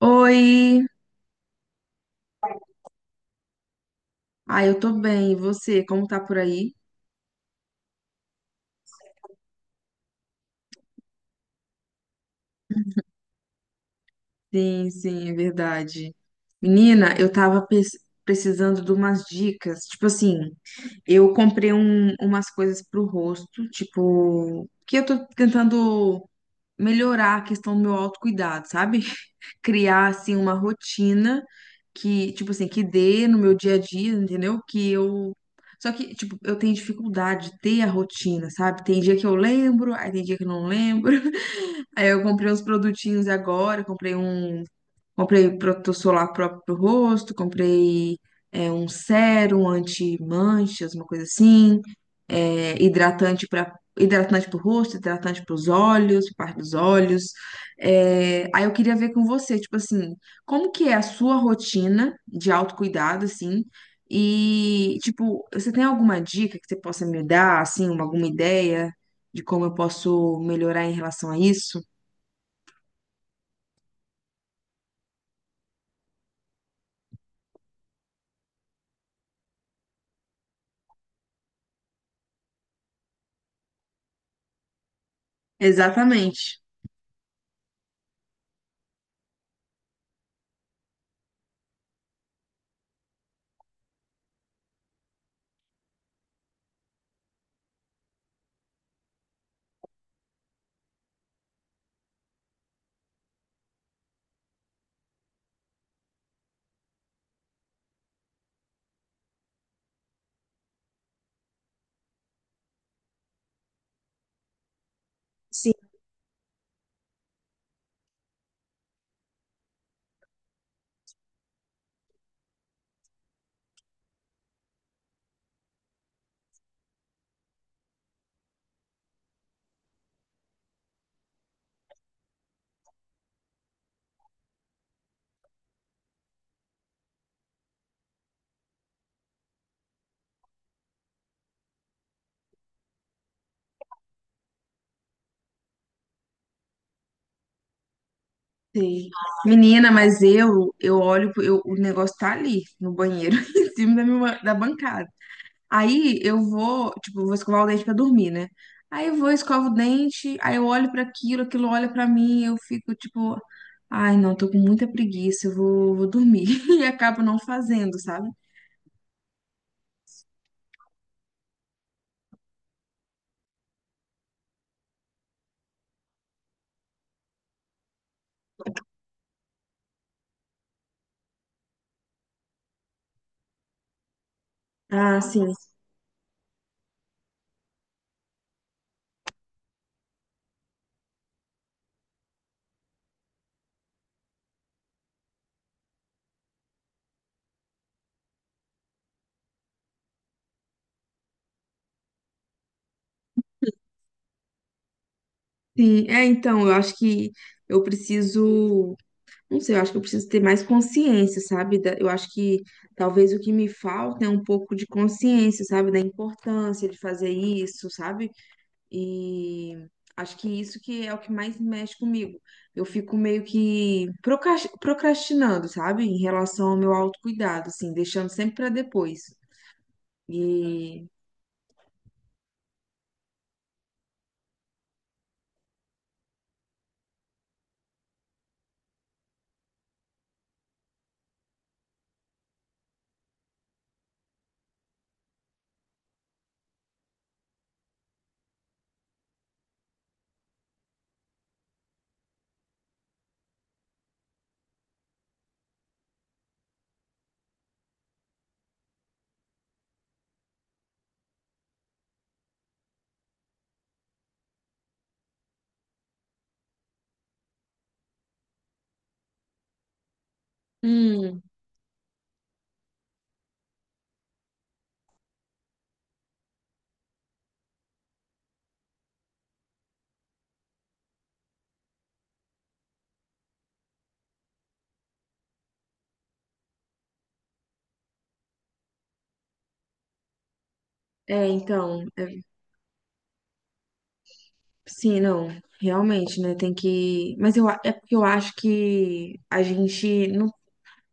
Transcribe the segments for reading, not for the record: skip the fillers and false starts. Oi! Ah, eu tô bem. E você, como tá por aí? Sim, sim, é verdade. Menina, eu tava precisando de umas dicas. Tipo assim, eu comprei umas coisas pro rosto, tipo, que eu tô tentando melhorar a questão do meu autocuidado, sabe? Criar, assim, uma rotina que, tipo assim, que dê no meu dia a dia, entendeu? Que eu. Só que, tipo, eu tenho dificuldade de ter a rotina, sabe? Tem dia que eu lembro, aí tem dia que eu não lembro. Aí eu comprei uns produtinhos agora, comprei um. Comprei protetor solar próprio pro rosto, comprei um sérum anti-manchas, uma coisa assim, hidratante para hidratante pro rosto, hidratante para os olhos, pra parte dos olhos. É, aí eu queria ver com você, tipo assim, como que é a sua rotina de autocuidado, assim, e, tipo, você tem alguma dica que você possa me dar, assim, uma, alguma ideia de como eu posso melhorar em relação a isso? Exatamente. Sei. Menina, mas eu olho, eu, o negócio tá ali no banheiro, em cima da, minha, da bancada. Aí eu vou, tipo, eu vou escovar o dente pra dormir, né? Aí eu vou, escovo o dente, aí eu olho pra aquilo, aquilo olha pra mim, eu fico tipo, ai, não, tô com muita preguiça, eu vou, vou dormir. E acabo não fazendo, sabe? Ah, sim. Sim, é, então, eu acho que eu preciso. Não sei, eu acho que eu preciso ter mais consciência, sabe? Da- Eu acho que talvez o que me falta é um pouco de consciência, sabe? Da importância de fazer isso, sabe? E acho que isso que é o que mais mexe comigo. Eu fico meio que procrastinando, sabe? Em relação ao meu autocuidado, assim, deixando sempre para depois. E. Hum, é, então. Sim, não. Realmente, né? Tem que. Mas eu, a- é porque eu acho que a gente.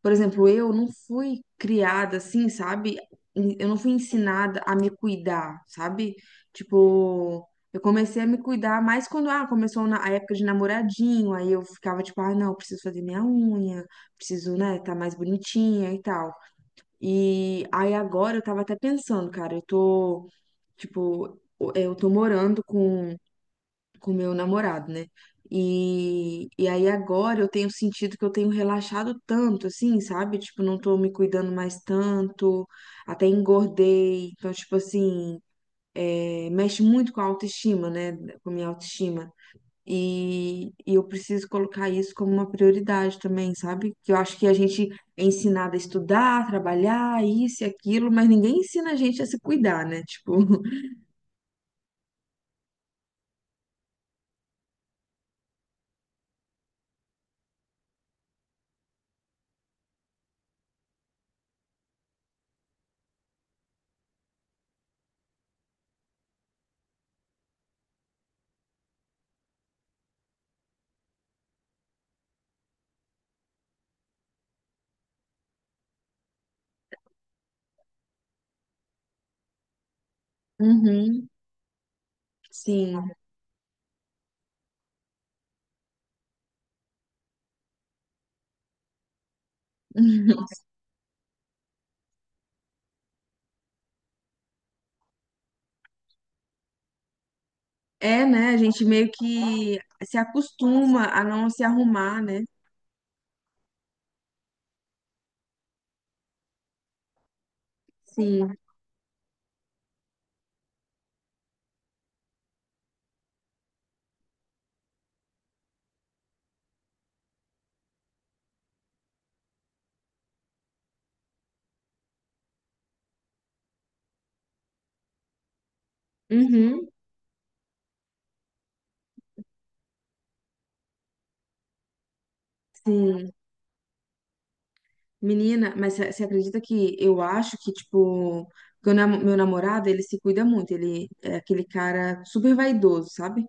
Por exemplo, eu não fui criada assim, sabe? Eu não fui ensinada a me cuidar, sabe? Tipo, eu comecei a me cuidar mais quando, ah, começou na a época de namoradinho, aí eu ficava tipo, ah, não, preciso fazer minha unha, preciso, né, tá mais bonitinha e tal. E aí agora eu tava até pensando, cara, eu tô, tipo, eu tô morando com meu namorado, né? E aí agora eu tenho sentido que eu tenho relaxado tanto, assim, sabe? Tipo, não tô me cuidando mais tanto, até engordei. Então, tipo assim, é, mexe muito com a autoestima, né? Com a minha autoestima. E eu preciso colocar isso como uma prioridade também, sabe? Que eu acho que a gente é ensinado a estudar, trabalhar, isso e aquilo, mas ninguém ensina a gente a se cuidar, né? Tipo, uhum, sim. É, né? A gente meio que se acostuma a não se arrumar, né? Sim. Uhum. Sim. Menina, mas você acredita que eu acho que, tipo, que o meu namorado, ele se cuida muito. Ele é aquele cara super vaidoso, sabe?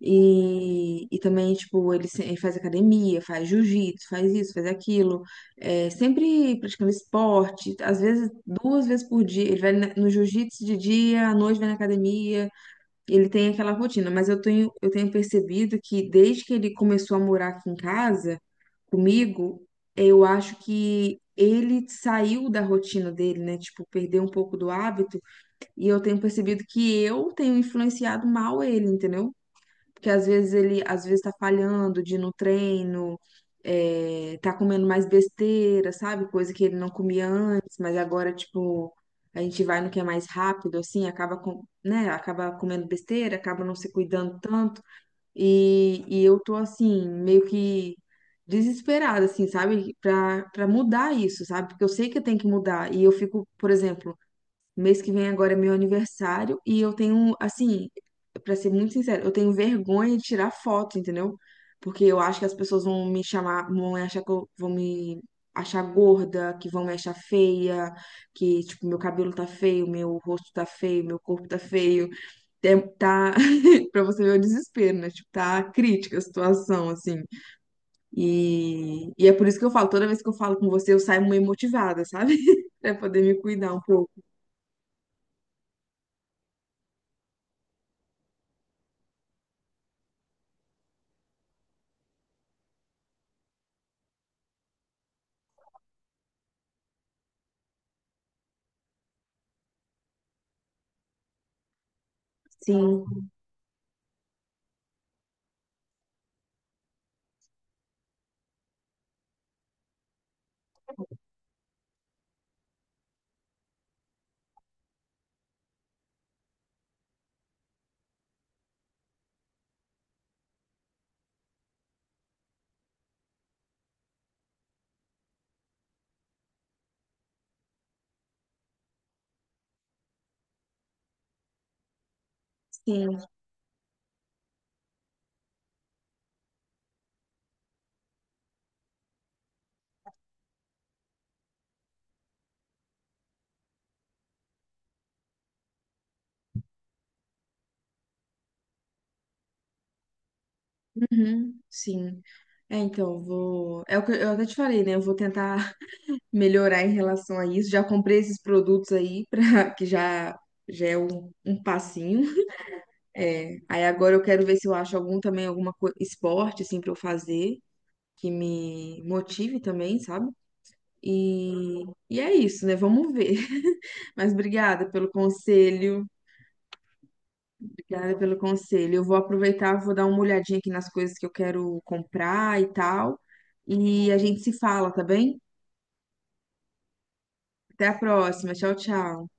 E também, tipo, ele, ele faz academia, faz jiu-jitsu, faz isso, faz aquilo. É, sempre praticando esporte. Às vezes, duas vezes por dia. Ele vai no jiu-jitsu de dia, à noite vai na academia. Ele tem aquela rotina, mas eu tenho percebido que desde que ele começou a morar aqui em casa comigo, eu acho que ele saiu da rotina dele, né? Tipo, perdeu um pouco do hábito, e eu tenho percebido que eu tenho influenciado mal ele, entendeu? Porque às vezes ele às vezes tá falhando de ir no treino, é, tá comendo mais besteira, sabe? Coisa que ele não comia antes, mas agora, tipo, a gente vai no que é mais rápido, assim, acaba com, né? Acaba comendo besteira, acaba não se cuidando tanto. E eu tô assim, meio que desesperada, assim, sabe? Pra, pra mudar isso, sabe? Porque eu sei que eu tenho que mudar. E eu fico, por exemplo, mês que vem agora é meu aniversário e eu tenho, assim, pra ser muito sincero, eu tenho vergonha de tirar foto, entendeu? Porque eu acho que as pessoas vão me chamar, vão me achar que eu, vão me achar gorda, que vão me achar feia, que, tipo, meu cabelo tá feio, meu rosto tá feio, meu corpo tá feio. É, tá, pra você ver o desespero, né? Tipo, tá crítica a situação, assim. E é por isso que eu falo, toda vez que eu falo com você, eu saio meio motivada, sabe? Pra poder me cuidar um pouco. Sim. Sim, uhum, sim. É, então, vou. É o que eu até te falei, né? Eu vou tentar melhorar em relação a isso. Já comprei esses produtos aí, pra... que já, já é um, um passinho. É. Aí agora eu quero ver se eu acho algum também, alguma co... esporte, assim, pra eu fazer, que me motive também, sabe? E, e é isso, né? Vamos ver. Mas obrigada pelo conselho. Obrigada pelo conselho. Eu vou aproveitar, vou dar uma olhadinha aqui nas coisas que eu quero comprar e tal. E a gente se fala, tá bem? Até a próxima. Tchau, tchau.